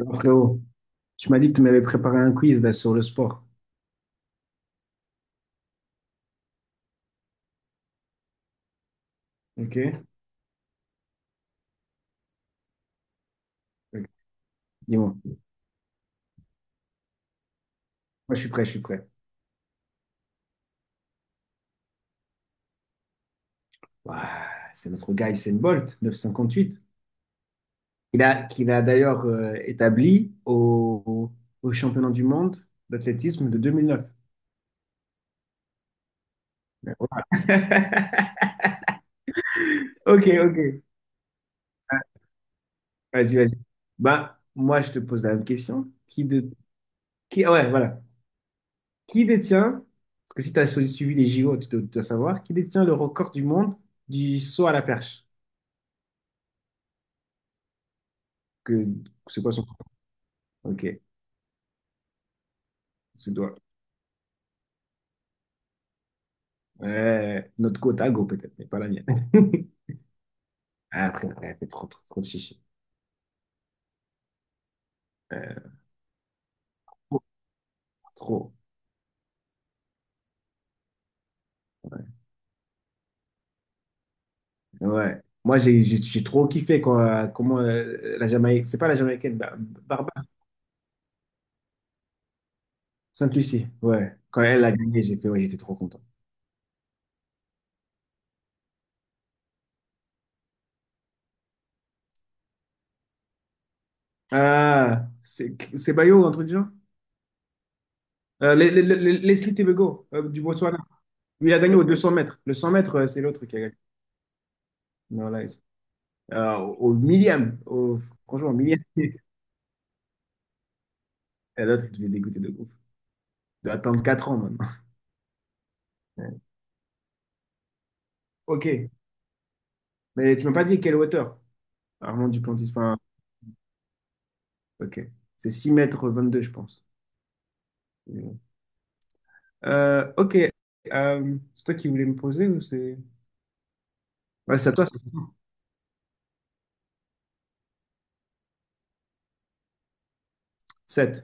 Alors, Frérot, tu m'as dit que tu m'avais préparé un quiz là, sur le sport. Ok. Ok. Dis-moi. Moi, je suis prêt. Ouah, c'est notre gars Usain Bolt, neuf cent cinquante-huit. Qu'il a d'ailleurs établi au championnat du monde d'athlétisme de 2009. Ouais, voilà. Ok, ok. Vas-y, vas-y. Bah, moi, je te pose la même question. Qui de... qui... ah Ouais, voilà. Qui détient, parce que si tu as suivi les JO, tu dois savoir, qui détient le record du monde du saut à la perche? Que C'est quoi son prénom? Ok, ce doigt. Ouais, notre côte à go peut-être, mais pas la mienne. Ah, après, elle fait trop, trop, trop de chichi. Euh, trop. Trop. Ouais. Ouais. Moi, j'ai trop kiffé quand, comment la Jamaïque, c'est pas la Jamaïcaine, Barbara, Sainte-Lucie. Ouais. Quand elle a gagné, j'ai fait, ouais, j'étais trop content. Ah, c'est Bayo, un truc du genre? Leslie Tebego, du Botswana. Lui, il a gagné aux 200 mètres. Le 100 mètres, c'est l'autre qui a gagné. Non, là, au millième. Franchement, au millième. Et l'autre, je vais dégoûter de ouf. De attendre 4 ans maintenant. Ouais. Ok. Mais tu m'as pas dit quelle hauteur? Armand Duplantis. Enfin, ok. C'est 6,22 mètres je pense. Ok. C'est toi qui voulais me poser ou c'est. Ouais, c'est à toi, c'est 7.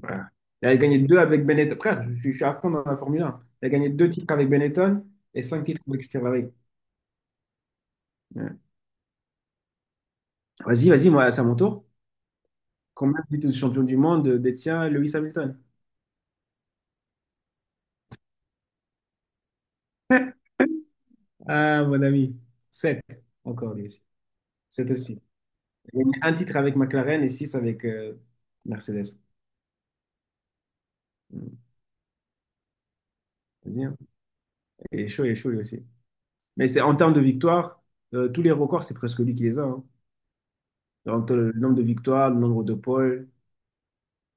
Voilà. Il a gagné 2 avec Benetton. Frère, je suis à fond dans la Formule 1. Il a gagné 2 titres avec Benetton et 5 titres avec Ferrari. Ouais. Vas-y, vas-y, moi, c'est à mon tour. Combien de titres de champion du monde détient Lewis Hamilton? Ah, mon ami. Sept. Encore lui aussi. 7 aussi. J'ai gagné un titre avec McLaren et six avec Mercedes. Mm. Vas-y, hein. Et chaud lui aussi. Mais c'est en termes de victoires, tous les records, c'est presque lui qui les a. Hein. Entre le nombre de victoires, le nombre de poles,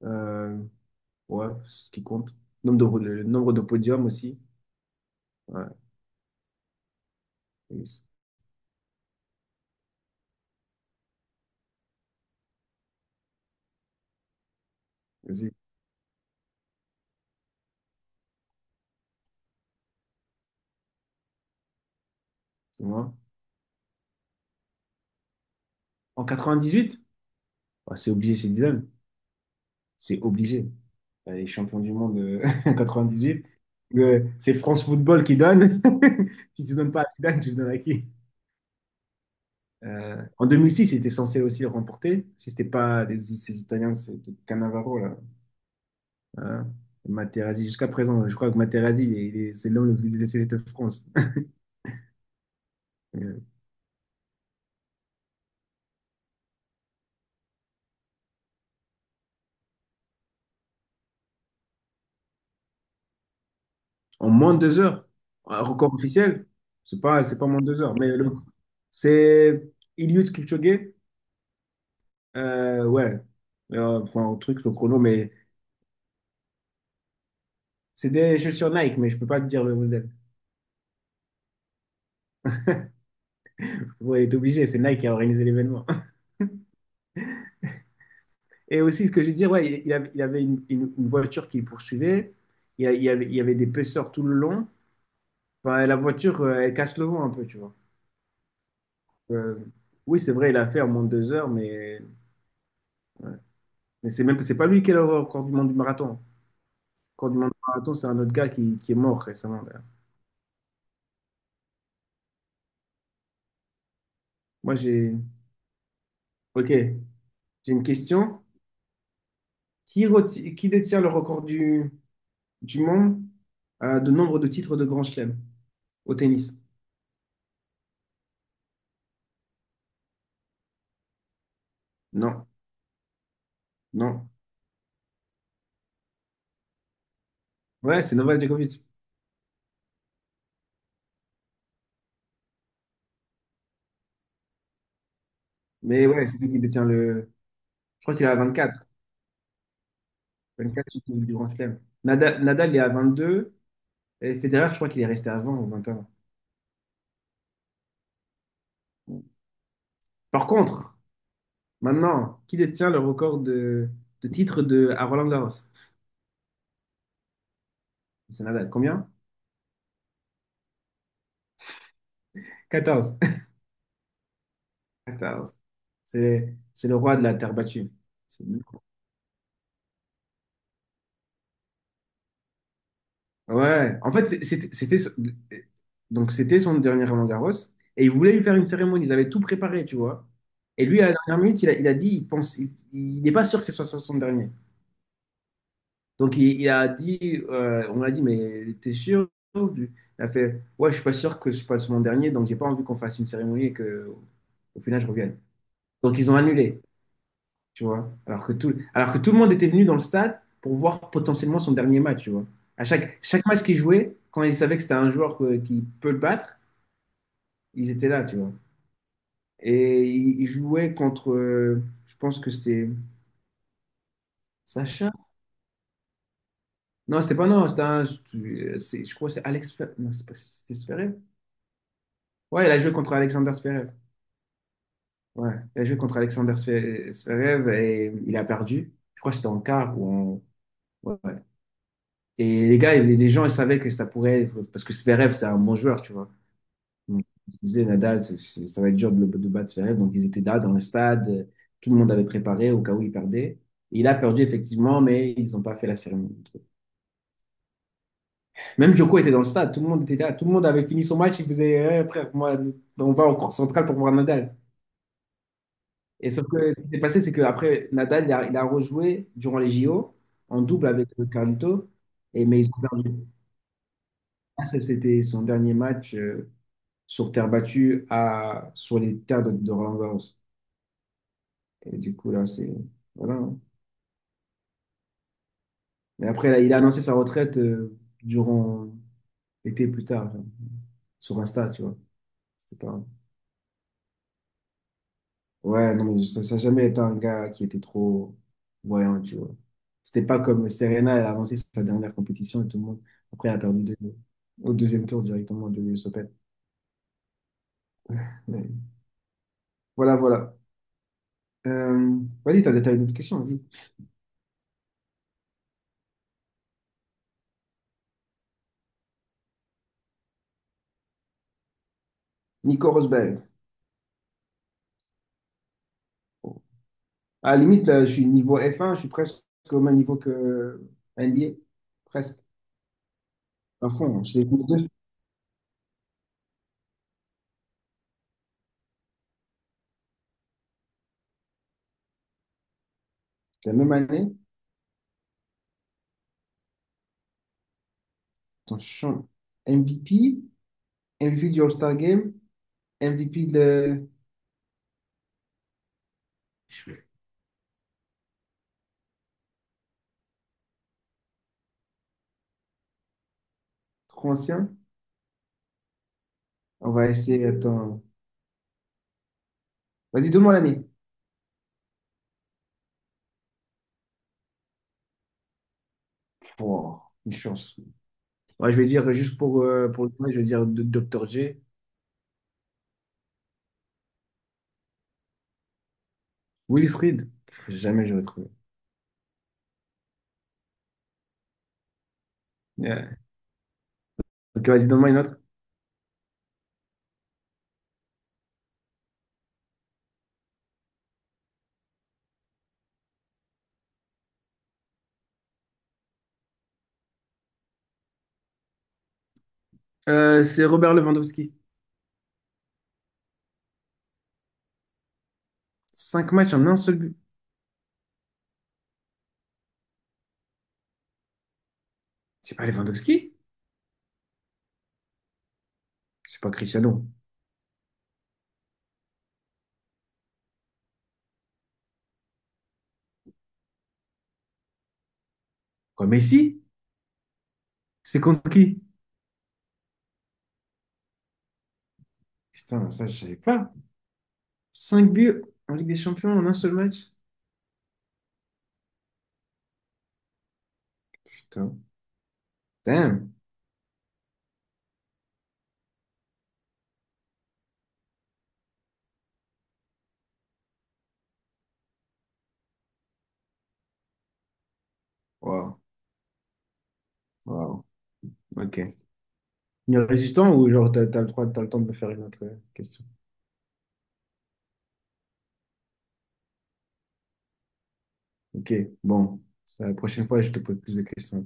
euh, ouais, c'est ce qui compte. Le nombre de podiums aussi. Ouais, yes. Vas-y, c'est moi. En 98, ah, c'est obligé chez Dylan. C'est obligé. Bah, les champions du monde en 98. C'est France Football qui donne. Si tu donnes pas à Zidane, tu le donnes à qui? En 2006, il était censé aussi le remporter, si c'était pas ces Italiens, c'était Cannavaro, là. Euh, Materazzi, jusqu'à présent, je crois que Materazzi, c'est l'homme le plus décédé de France. Euh, En moins de 2 heures, un record officiel, c'est pas, moins de 2 heures, mais c'est Eliud Kipchoge, ouais. Enfin, un truc, le chrono, mais c'est des chaussures Nike, mais je peux pas te dire le modèle. Ouais, il est obligé, c'est Nike qui a organisé l'événement. Et aussi, ce que je disais, ouais, il avait une voiture qui le poursuivait. Il y avait des pêcheurs tout le long. Enfin, la voiture, elle casse le vent un peu, tu vois. Euh, oui, c'est vrai, il a fait en moins de 2 heures, mais c'est même, c'est pas lui qui est le record du monde du marathon. Le record du monde du marathon, c'est un autre gars qui est mort récemment d'ailleurs. Moi, j'ai. Ok, j'ai une question. Qui détient le record du monde de nombre de titres de Grand Chelem au tennis? Non, non. Ouais, c'est Novak Djokovic. Mais ouais, c'est lui qui détient le. Je crois qu'il est à 24. 24 qui est du Grand Chelem. Nadal, il est à 22. Et Federer, je crois qu'il est resté à 20 ou 21. Par contre, maintenant, qui détient le record de titres à Roland-Garros? C'est Nadal. Combien? 14. 14. C'est le roi de la terre battue. C'est lui. Ouais, en fait, donc c'était son dernier Roland-Garros et ils voulaient lui faire une cérémonie, ils avaient tout préparé, tu vois. Et lui, à la dernière minute, il a dit, il pense, il n'est pas sûr que ce soit son dernier. Donc il a dit, on l'a dit, mais t'es sûr? du- Il a fait, ouais, je suis pas sûr que ce soit mon dernier, donc j'ai pas envie qu'on fasse une cérémonie et que au final je revienne. Donc ils ont annulé tu vois. Alors que tout le monde était venu dans le stade pour voir potentiellement son dernier match, tu vois. À chaque match qu'ils jouaient, quand ils savaient que c'était un joueur qui peut le battre, ils étaient là, tu vois. Et ils jouaient contre, je pense que c'était Sacha. Non, c'était pas non, c'était un, je crois que c'est Alex, Fe- non, c'est pas, c'était Zverev. Ouais, il a joué contre Alexander Zverev. Ouais, il a joué contre Alexander Zverev et il a perdu. Je crois que c'était en quart ou en, ouais. Ouais. Et les gens, ils savaient que ça pourrait être. Parce que Zverev, c'est un bon joueur, tu vois. Donc, ils disaient, Nadal, ça va être dur de battre Zverev. Donc, ils étaient là dans le stade. Tout le monde avait préparé au cas où il perdait. Et il a perdu, effectivement, mais ils n'ont pas fait la cérémonie. Même Djoko était dans le stade. Tout le monde était là. Tout le monde avait fini son match. Il faisait, eh, frère, moi, on va en cours centrale pour voir Nadal. Et sauf que ce qui s'est passé, c'est qu'après, Nadal, il a rejoué durant les JO en double avec Carlito. Et, mais ils ont perdu. Ah, ça, c'était son dernier match sur terre battue sur les terres de Roland-Garros. Et du coup, là, c'est. Voilà, hein. Mais après, là, il a annoncé sa retraite durant l'été plus tard, genre, sur Insta, tu vois. C'était pas. Ouais, non, mais ça n'a jamais été un gars qui était trop voyant, tu vois. C'était pas comme Serena, elle a avancé sa dernière compétition et tout le monde. Après, elle a perdu au deuxième tour directement de l'US Open. Mais voilà, voilà. Euh, Vas-y, t'as des t'as d'autres questions, vas-y. Nico Rosberg. À la limite, je suis niveau F1, je suis presque au même niveau que NBA. Presque. Enfin, c'est les deux. C'est la même année. Attends, je change. MVP, MVP du All-Star Game, MVP de trop ancien. On va essayer, attends. Vas-y, donne-moi l'année. Oh, une chance. Ouais, je vais dire, juste pour le point, je vais dire Dr. J. Willis Reed. Pff, jamais je vais trouver. Ouais. Ok, vas-y, donne-moi une autre. C'est Robert Lewandowski. Cinq matchs en un seul but. C'est pas Lewandowski? C'est pas Cristiano. Quoi, Messi? C'est contre qui? Putain, ça, je savais pas. 5 buts en Ligue des Champions en un seul match? Putain. Damn. Wow. Wow. OK. Il reste du temps ou genre t'as le droit, t'as le temps de me faire une autre question? OK. Bon. Ça, la prochaine fois, je te pose plus de questions.